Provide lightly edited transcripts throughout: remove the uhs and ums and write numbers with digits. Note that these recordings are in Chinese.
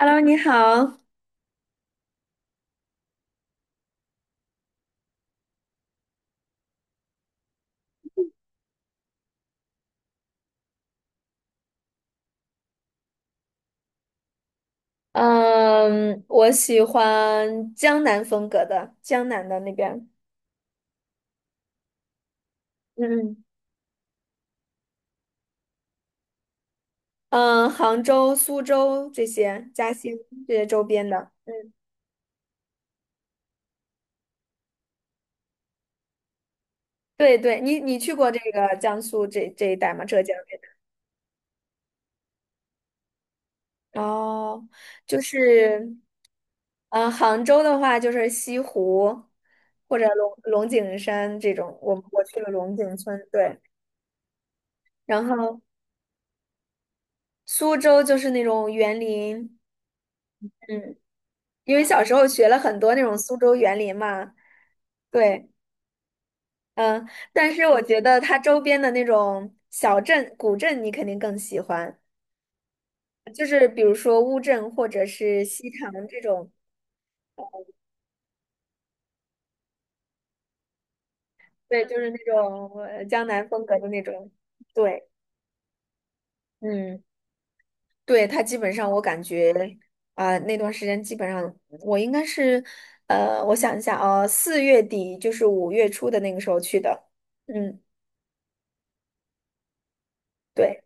Hello，你好。嗯，我喜欢江南风格的，江南的那边。嗯嗯，杭州、苏州这些，嘉兴这些周边的。嗯，对对，你去过这个江苏这一带吗？浙江这边？哦，就是，杭州的话就是西湖或者龙井山这种，我去了龙井村，对，然后苏州就是那种园林。嗯。因为小时候学了很多那种苏州园林嘛，对，嗯，但是我觉得它周边的那种小镇、古镇，你肯定更喜欢，就是比如说乌镇或者是西塘这种，对，就是那种江南风格的那种，对，嗯，对，它基本上我感觉那段时间基本上我应该是，我想一下啊，4月底就是5月初的那个时候去的。嗯。对。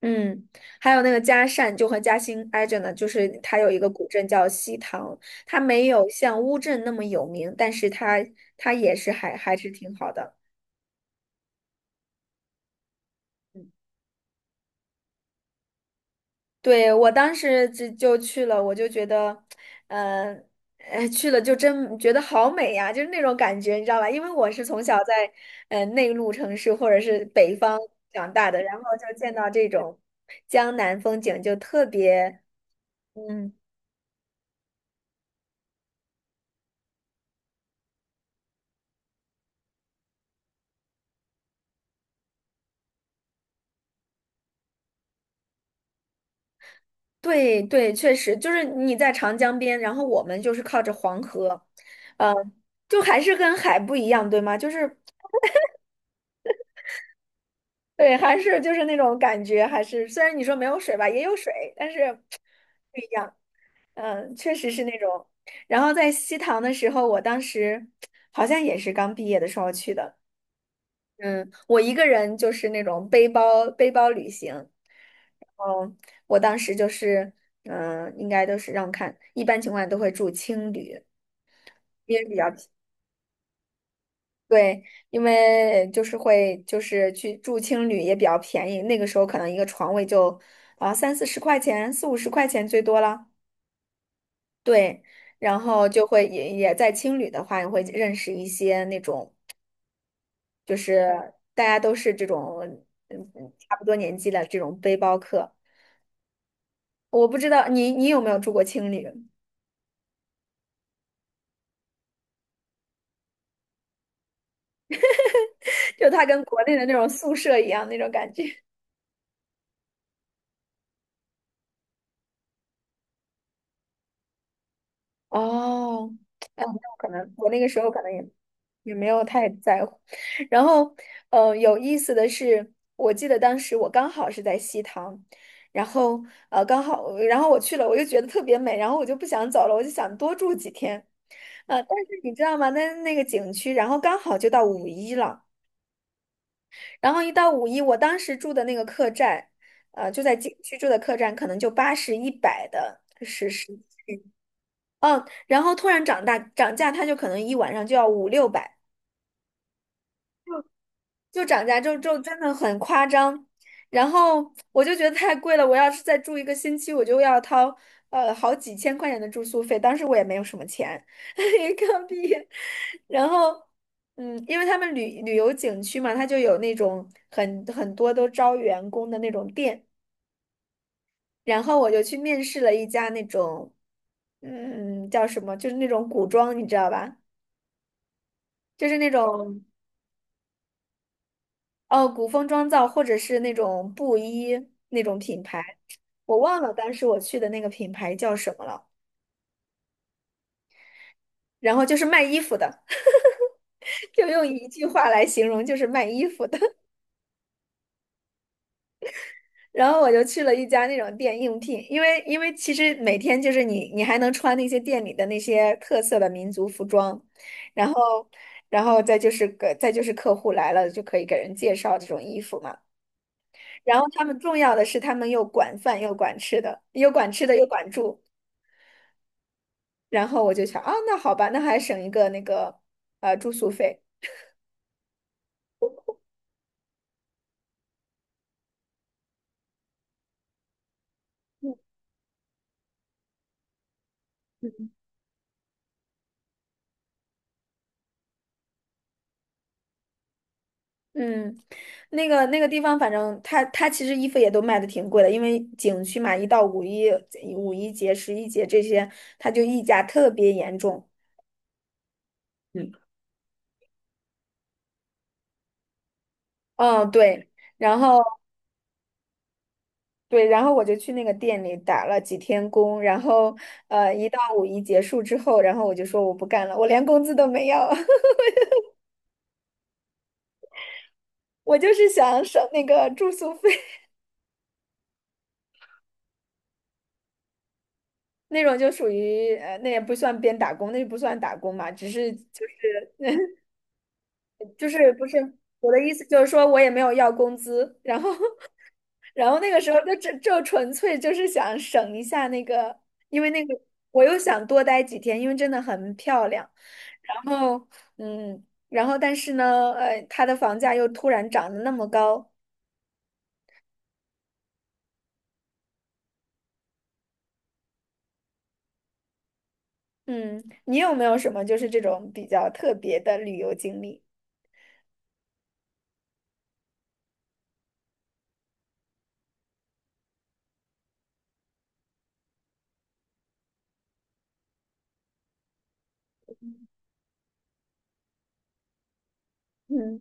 嗯，还有那个嘉善，就和嘉兴挨着呢，就是它有一个古镇叫西塘，它没有像乌镇那么有名，但是它也是还是挺好的。嗯，对，我当时就去了，我就觉得，呃，去了就真觉得好美呀，就是那种感觉，你知道吧？因为我是从小在内陆城市或者是北方长大的，然后就见到这种江南风景就特别。嗯。对对，确实就是你在长江边，然后我们就是靠着黄河，呃，就还是跟海不一样，对吗？就是对，还是就是那种感觉，还是虽然你说没有水吧，也有水，但是，嗯、确实是那种。然后在西塘的时候，我当时好像也是刚毕业的时候去的，嗯，我一个人就是那种背包旅行，嗯，我当时就是，应该都是让我看，一般情况下都会住青旅。也比较便对，因为就是会就是去住青旅也比较便宜，那个时候可能一个床位就30-40块钱，40-50块钱最多了。对，然后就会也在青旅的话，也会认识一些那种就是大家都是这种差不多年纪的这种背包客。我不知道你有没有住过青旅，就它跟国内的那种宿舍一样那种感觉。哦，可能我那个时候可能也没有太在乎。然后，有意思的是，我记得当时我刚好是在西塘，然后刚好，然后我去了，我就觉得特别美，然后我就不想走了，我就想多住几天。但是你知道吗？那个景区，然后刚好就到五一了，然后一到五一，我当时住的那个客栈，就在景区住的客栈，可能就80-100的是，嗯，然后突然涨价，它就可能一晚上就要500-600。就涨价就真的很夸张，然后我就觉得太贵了，我要是再住一个星期，我就要掏好几千块钱的住宿费，当时我也没有什么钱，一个币，然后因为他们旅游景区嘛，它就有那种很多都招员工的那种店，然后我就去面试了一家那种叫什么，就是那种古装，你知道吧？就是那种。哦，古风妆造或者是那种布衣那种品牌，我忘了当时我去的那个品牌叫什么了。然后就是卖衣服的，就用一句话来形容，就是卖衣服的。然后我就去了一家那种店应聘，因为其实每天就是你还能穿那些店里的那些特色的民族服装，然后再就是个再就是客户来了就可以给人介绍这种衣服嘛。然后他们重要的是他们又管饭又管吃的，又管吃的又管住。然后我就想啊，那好吧，那还省一个那个住宿费。嗯嗯嗯，那个地方，反正它其实衣服也都卖的挺贵的，因为景区嘛，一到五一、五一节、十一节这些，它就溢价特别严重。嗯，嗯，对，然后对，然后我就去那个店里打了几天工，然后一到五一结束之后，然后我就说我不干了，我连工资都没要，我就是想省那个住宿费。那种就属于，那也不算边打工，那不算打工嘛，只是就是不是我的意思就是说我也没有要工资，然后 然后那个时候就纯粹就是想省一下那个，因为那个我又想多待几天，因为真的很漂亮，然后嗯，然后但是呢，它的房价又突然涨得那么高，嗯，你有没有什么就是这种比较特别的旅游经历？嗯。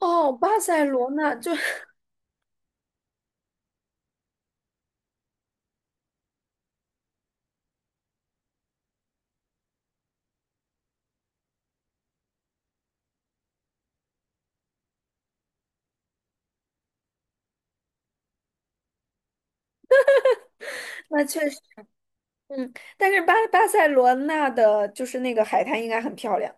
哦，巴塞罗那就 那确实。嗯，但是巴塞罗那的就是那个海滩应该很漂亮，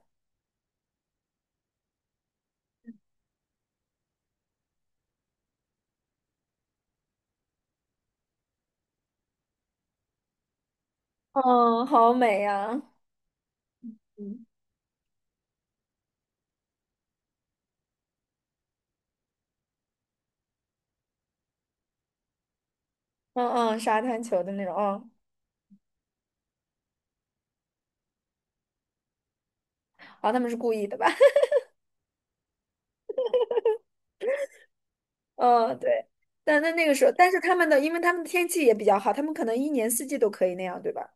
嗯，好美呀、嗯嗯，沙滩球的那种，嗯，啊，他们是故意的吧？嗯，对，但那个时候，但是他们的，因为他们的天气也比较好，他们可能一年四季都可以那样，对吧？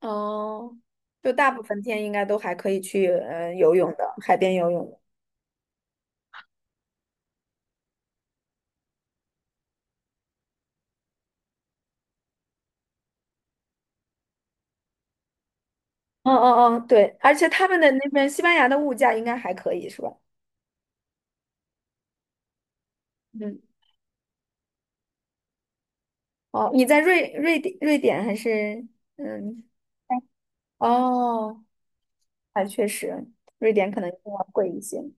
哦，就大部分天应该都还可以去，游泳的，海边游泳的嗯，对，而且他们的那边西班牙的物价应该还可以，是吧？嗯，哦，你在瑞典还是嗯？哦，哎，确实，瑞典可能更要贵一些。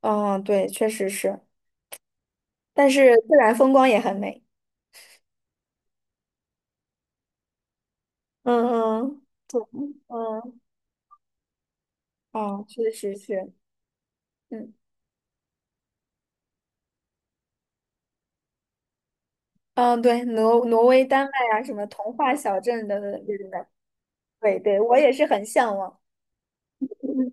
哦，对，确实是，但是自然风光也很美。嗯嗯嗯，哦，确实是，嗯嗯，对，挪威、丹麦啊，什么童话小镇的这种的，对对，我也是很向往。嗯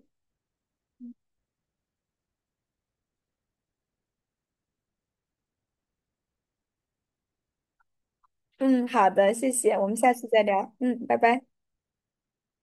嗯，好的，谢谢，我们下次再聊。嗯，拜拜。